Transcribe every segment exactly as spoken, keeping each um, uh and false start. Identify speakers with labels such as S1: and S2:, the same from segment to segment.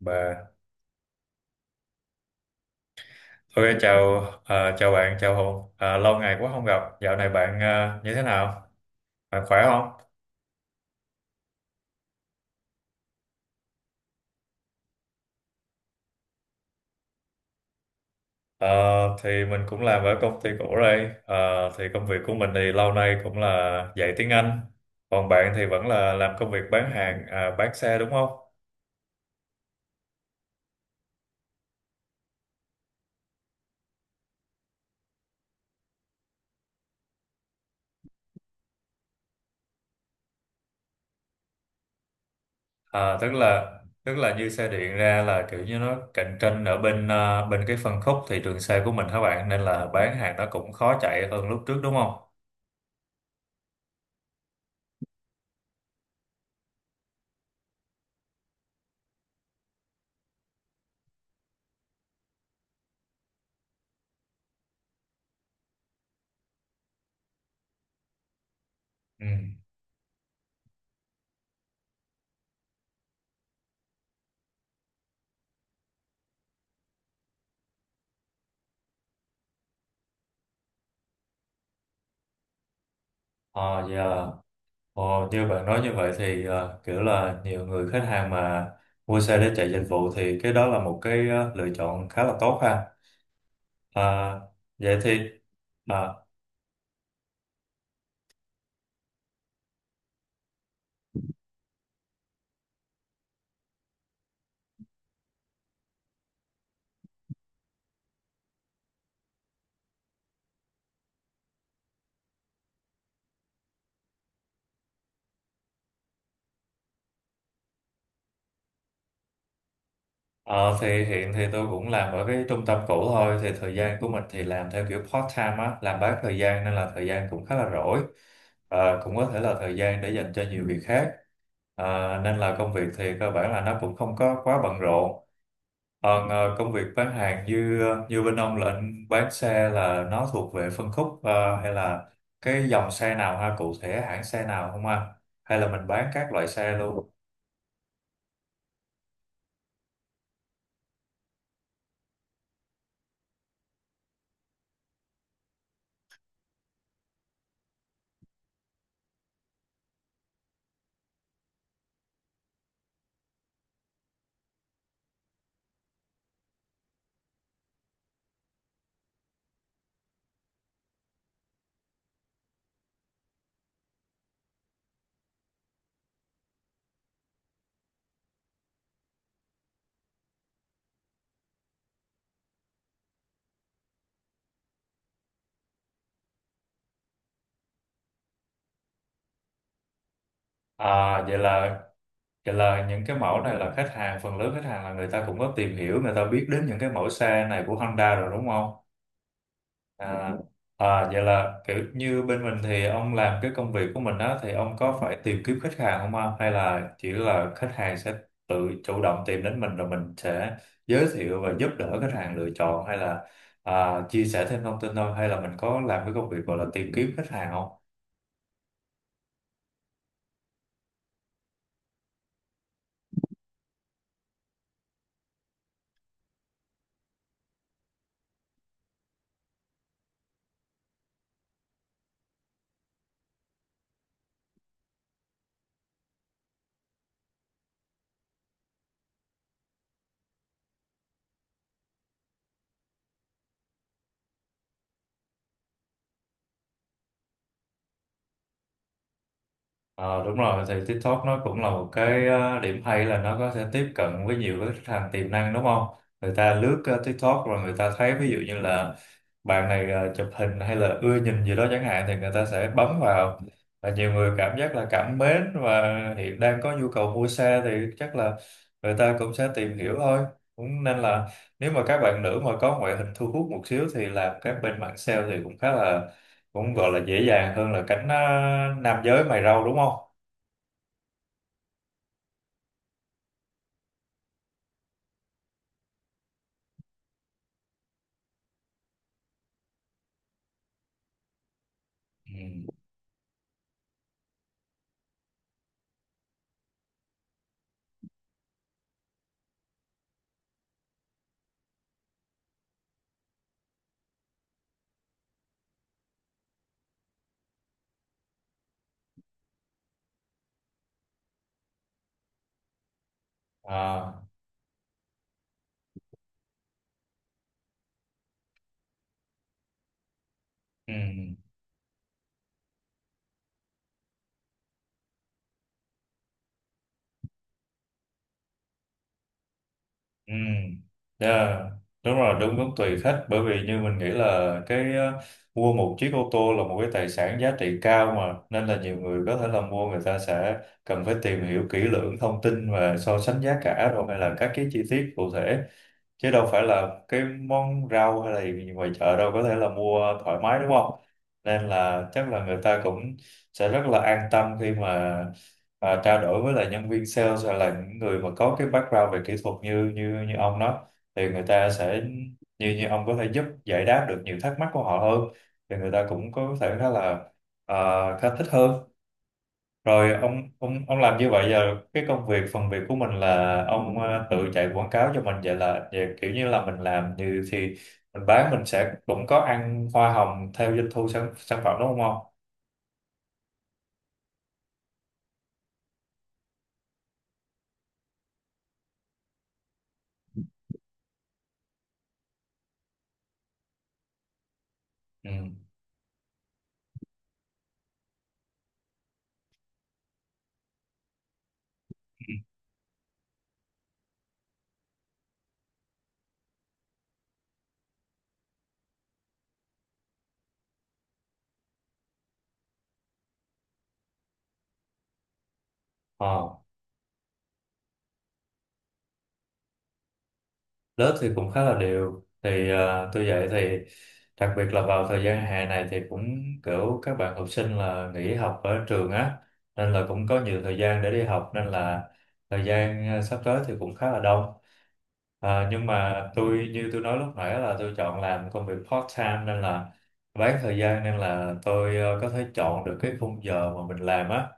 S1: Bà, thôi chào à, chào bạn, chào Hùng. À, lâu ngày quá không gặp. Dạo này bạn à, như thế nào? Bạn khỏe không? Ờ, thì mình cũng làm ở công ty cũ đây. Ờ, thì công việc của mình thì lâu nay cũng là dạy tiếng Anh. Còn bạn thì vẫn là làm công việc bán hàng, à, bán xe đúng không? À, tức là tức là như xe điện ra là kiểu như nó cạnh tranh ở bên à, bên cái phân khúc thị trường xe của mình hả bạn? Nên là bán hàng nó cũng khó chạy hơn lúc trước đúng không? Ừ. Ờ, dạ. Ồ, như bạn nói như vậy thì ờ, kiểu là nhiều người khách hàng mà mua xe để chạy dịch vụ thì cái đó là một cái ờ, lựa chọn khá là tốt ha. À, vậy thì à, ờ, thì hiện thì tôi cũng làm ở cái trung tâm cũ thôi thì thời gian của mình thì làm theo kiểu part time á, làm bán thời gian nên là thời gian cũng khá là rỗi. Ờ, cũng có thể là thời gian để dành cho nhiều việc khác. Ờ, nên là công việc thì cơ bản là nó cũng không có quá bận rộn. Còn ờ, công việc bán hàng như ờ, như bên ông là anh bán xe là nó thuộc về phân khúc ờ, hay là cái dòng xe nào ha, cụ thể hãng xe nào không ha, hay là mình bán các loại xe luôn. À, vậy là vậy là những cái mẫu này là khách hàng, phần lớn khách hàng là người ta cũng có tìm hiểu, người ta biết đến những cái mẫu xe này của Honda rồi đúng không. À, à vậy là kiểu như bên mình thì ông làm cái công việc của mình á thì ông có phải tìm kiếm khách hàng không ông, hay là chỉ là khách hàng sẽ tự chủ động tìm đến mình rồi mình sẽ giới thiệu và giúp đỡ khách hàng lựa chọn, hay là à, chia sẻ thêm thông tin thôi, hay là mình có làm cái công việc gọi là tìm kiếm khách hàng không? Ờ, Đúng rồi, thì TikTok nó cũng là một cái ờ, điểm hay là nó có thể tiếp cận với nhiều cái khách hàng tiềm năng đúng không? Người ta lướt ờ, TikTok rồi người ta thấy ví dụ như là bạn này ờ, chụp hình hay là ưa nhìn gì đó chẳng hạn thì người ta sẽ bấm vào, và nhiều người cảm giác là cảm mến và hiện đang có nhu cầu mua xe thì chắc là người ta cũng sẽ tìm hiểu thôi. Cũng nên là nếu mà các bạn nữ mà có ngoại hình thu hút một xíu thì làm các bên mạng sale thì cũng khá là cũng gọi là dễ dàng hơn là cánh ờ, nam giới mày râu đúng không? Ừ, à, ừ, ừ. Yeah. Đúng rồi, đúng đúng tùy khách, bởi vì như mình nghĩ là cái ờ, mua một chiếc ô tô là một cái tài sản giá trị cao mà, nên là nhiều người có thể là mua, người ta sẽ cần phải tìm hiểu kỹ lưỡng thông tin và so sánh giá cả rồi hay là các cái chi tiết cụ thể, chứ đâu phải là cái món rau hay là gì ngoài chợ đâu có thể là mua thoải mái đúng không, nên là chắc là người ta cũng sẽ rất là an tâm khi mà mà trao đổi với lại nhân viên sales hay là những người mà có cái background về kỹ thuật như như như ông đó, thì người ta sẽ, như như ông có thể giúp giải đáp được nhiều thắc mắc của họ hơn thì người ta cũng có thể khá là à, khá thích hơn. Rồi ông ông ông làm như vậy giờ, cái công việc phần việc của mình là ông ờ, tự chạy quảng cáo cho mình, vậy là về kiểu như là mình làm như thì mình bán, mình sẽ cũng có ăn hoa hồng theo doanh thu sản, sản phẩm đúng không ông? Ừ. Lớp thì cũng khá là đều, thì ờ, tôi dạy thì đặc biệt là vào thời gian hè này thì cũng kiểu các bạn học sinh là nghỉ học ở trường á, nên là cũng có nhiều thời gian để đi học, nên là thời gian ờ, sắp tới thì cũng khá là đông. Ờ, nhưng mà tôi như tôi nói lúc nãy là tôi chọn làm công việc part time nên là bán thời gian, nên là tôi ờ, có thể chọn được cái khung giờ mà mình làm á,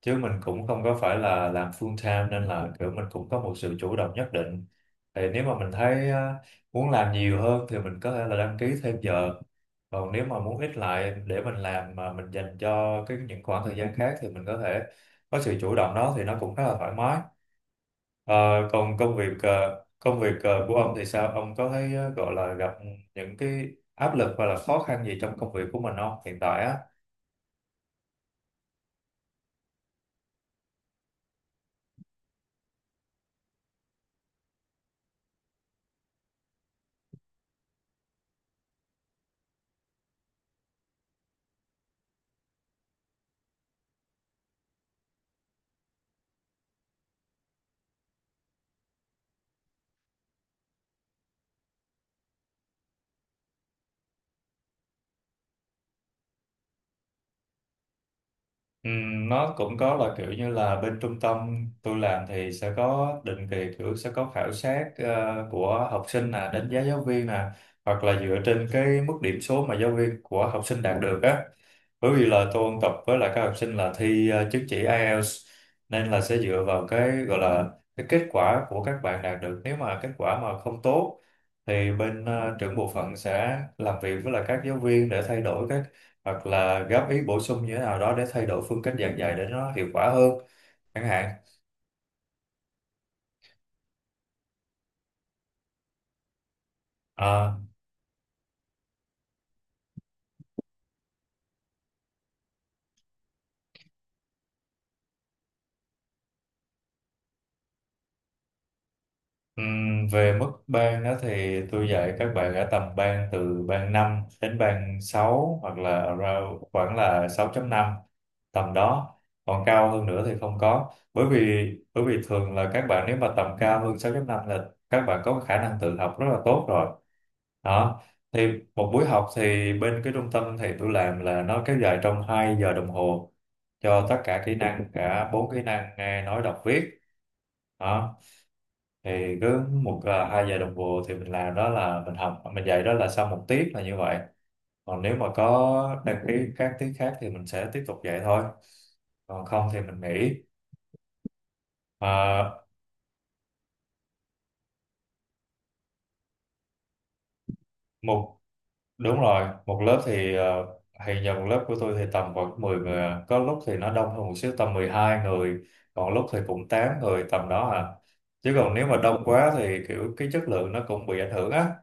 S1: chứ mình cũng không có phải là làm full time nên là kiểu mình cũng có một sự chủ động nhất định. Thì nếu mà mình thấy ờ, muốn làm nhiều hơn thì mình có thể là đăng ký thêm giờ, còn nếu mà muốn ít lại để mình làm mà mình dành cho cái những khoảng thời gian khác thì mình có thể có sự chủ động đó thì nó cũng khá là thoải mái. Ờ, Còn công việc ờ, công việc ờ, của ông thì sao, ông có thấy ờ, gọi là gặp những cái áp lực hoặc là khó khăn gì trong công việc của mình không, hiện tại á? Ừ, nó cũng có là kiểu như là bên trung tâm tôi làm thì sẽ có định kỳ, kiểu sẽ có khảo sát ờ, của học sinh nè, đánh giá giáo viên nè, hoặc là dựa trên cái mức điểm số mà giáo viên của học sinh đạt được á, bởi vì là tôi ôn tập với lại các học sinh là thi ờ, chứng chỉ I E L T S, nên là sẽ dựa vào cái gọi là cái kết quả của các bạn đạt được, nếu mà kết quả mà không tốt thì bên ờ, trưởng bộ phận sẽ làm việc với lại các giáo viên để thay đổi cái, hoặc là góp ý bổ sung như thế nào đó để thay đổi phương cách giảng dạy để nó hiệu quả hơn chẳng hạn. Ờ, ừm, Về mức ban đó thì tôi dạy các bạn ở tầm ban, từ ban năm đến ban sáu, hoặc là around khoảng là sáu chấm năm, tầm đó, còn cao hơn nữa thì không có, bởi vì bởi vì thường là các bạn nếu mà tầm cao hơn sáu chấm năm là các bạn có khả năng tự học rất là tốt rồi đó. Thì một buổi học thì bên cái trung tâm thì tôi làm là nó kéo dài trong hai giờ đồng hồ cho tất cả kỹ năng, cả bốn kỹ năng nghe nói đọc viết đó. Thì cứ một à, hai giờ đồng hồ thì mình làm đó, là mình học mình dạy đó là sau một tiết là như vậy, còn nếu mà có đăng ký các tiết khác thì mình sẽ tiếp tục dạy thôi, còn không thì mình nghỉ. À, một Đúng rồi, một lớp thì ờ, hiện giờ một lớp của tôi thì tầm khoảng mười người à. Có lúc thì nó đông hơn một xíu tầm mười hai người, còn lúc thì cũng tám người tầm đó à chứ còn nếu mà đông quá thì kiểu cái chất lượng nó cũng bị ảnh hưởng á.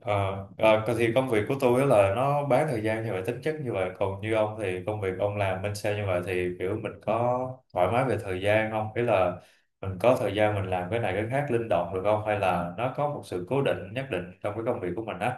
S1: Ờ, ờ, thì công việc của tôi á là nó bán thời gian như vậy, tính chất như vậy, còn như ông thì công việc ông làm bên sale như vậy thì kiểu mình có thoải mái về thời gian không, ý là mình có thời gian mình làm cái này cái khác linh động được không, hay là nó có một sự cố định nhất định trong cái công việc của mình á?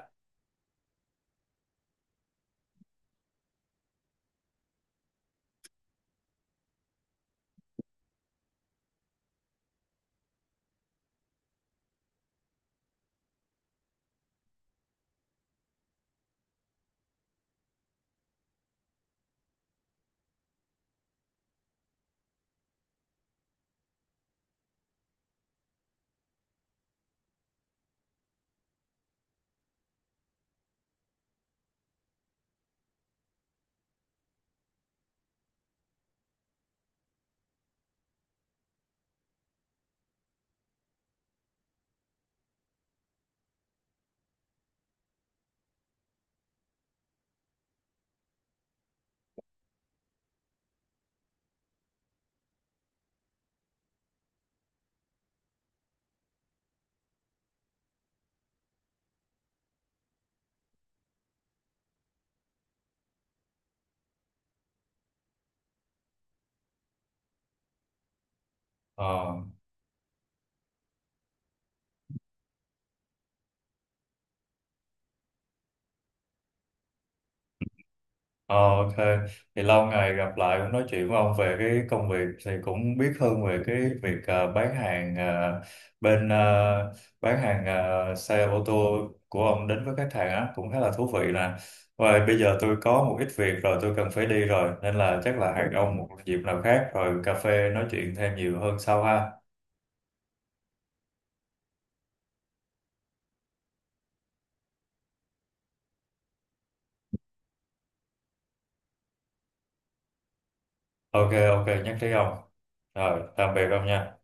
S1: ờ Ờ, OK, thì lâu ngày gặp lại cũng nói chuyện với ông về cái công việc thì cũng biết hơn về cái việc ờ, bán hàng ờ, bên ờ, bán hàng ờ, xe ô tô của ông đến với khách hàng á, cũng khá là thú vị nè. Và bây giờ tôi có một ít việc rồi, tôi cần phải đi rồi, nên là chắc là hẹn ông một dịp nào khác rồi cà phê nói chuyện thêm nhiều hơn sau ha. OK, OK, nhắc trí ông. Rồi tạm biệt ông nha.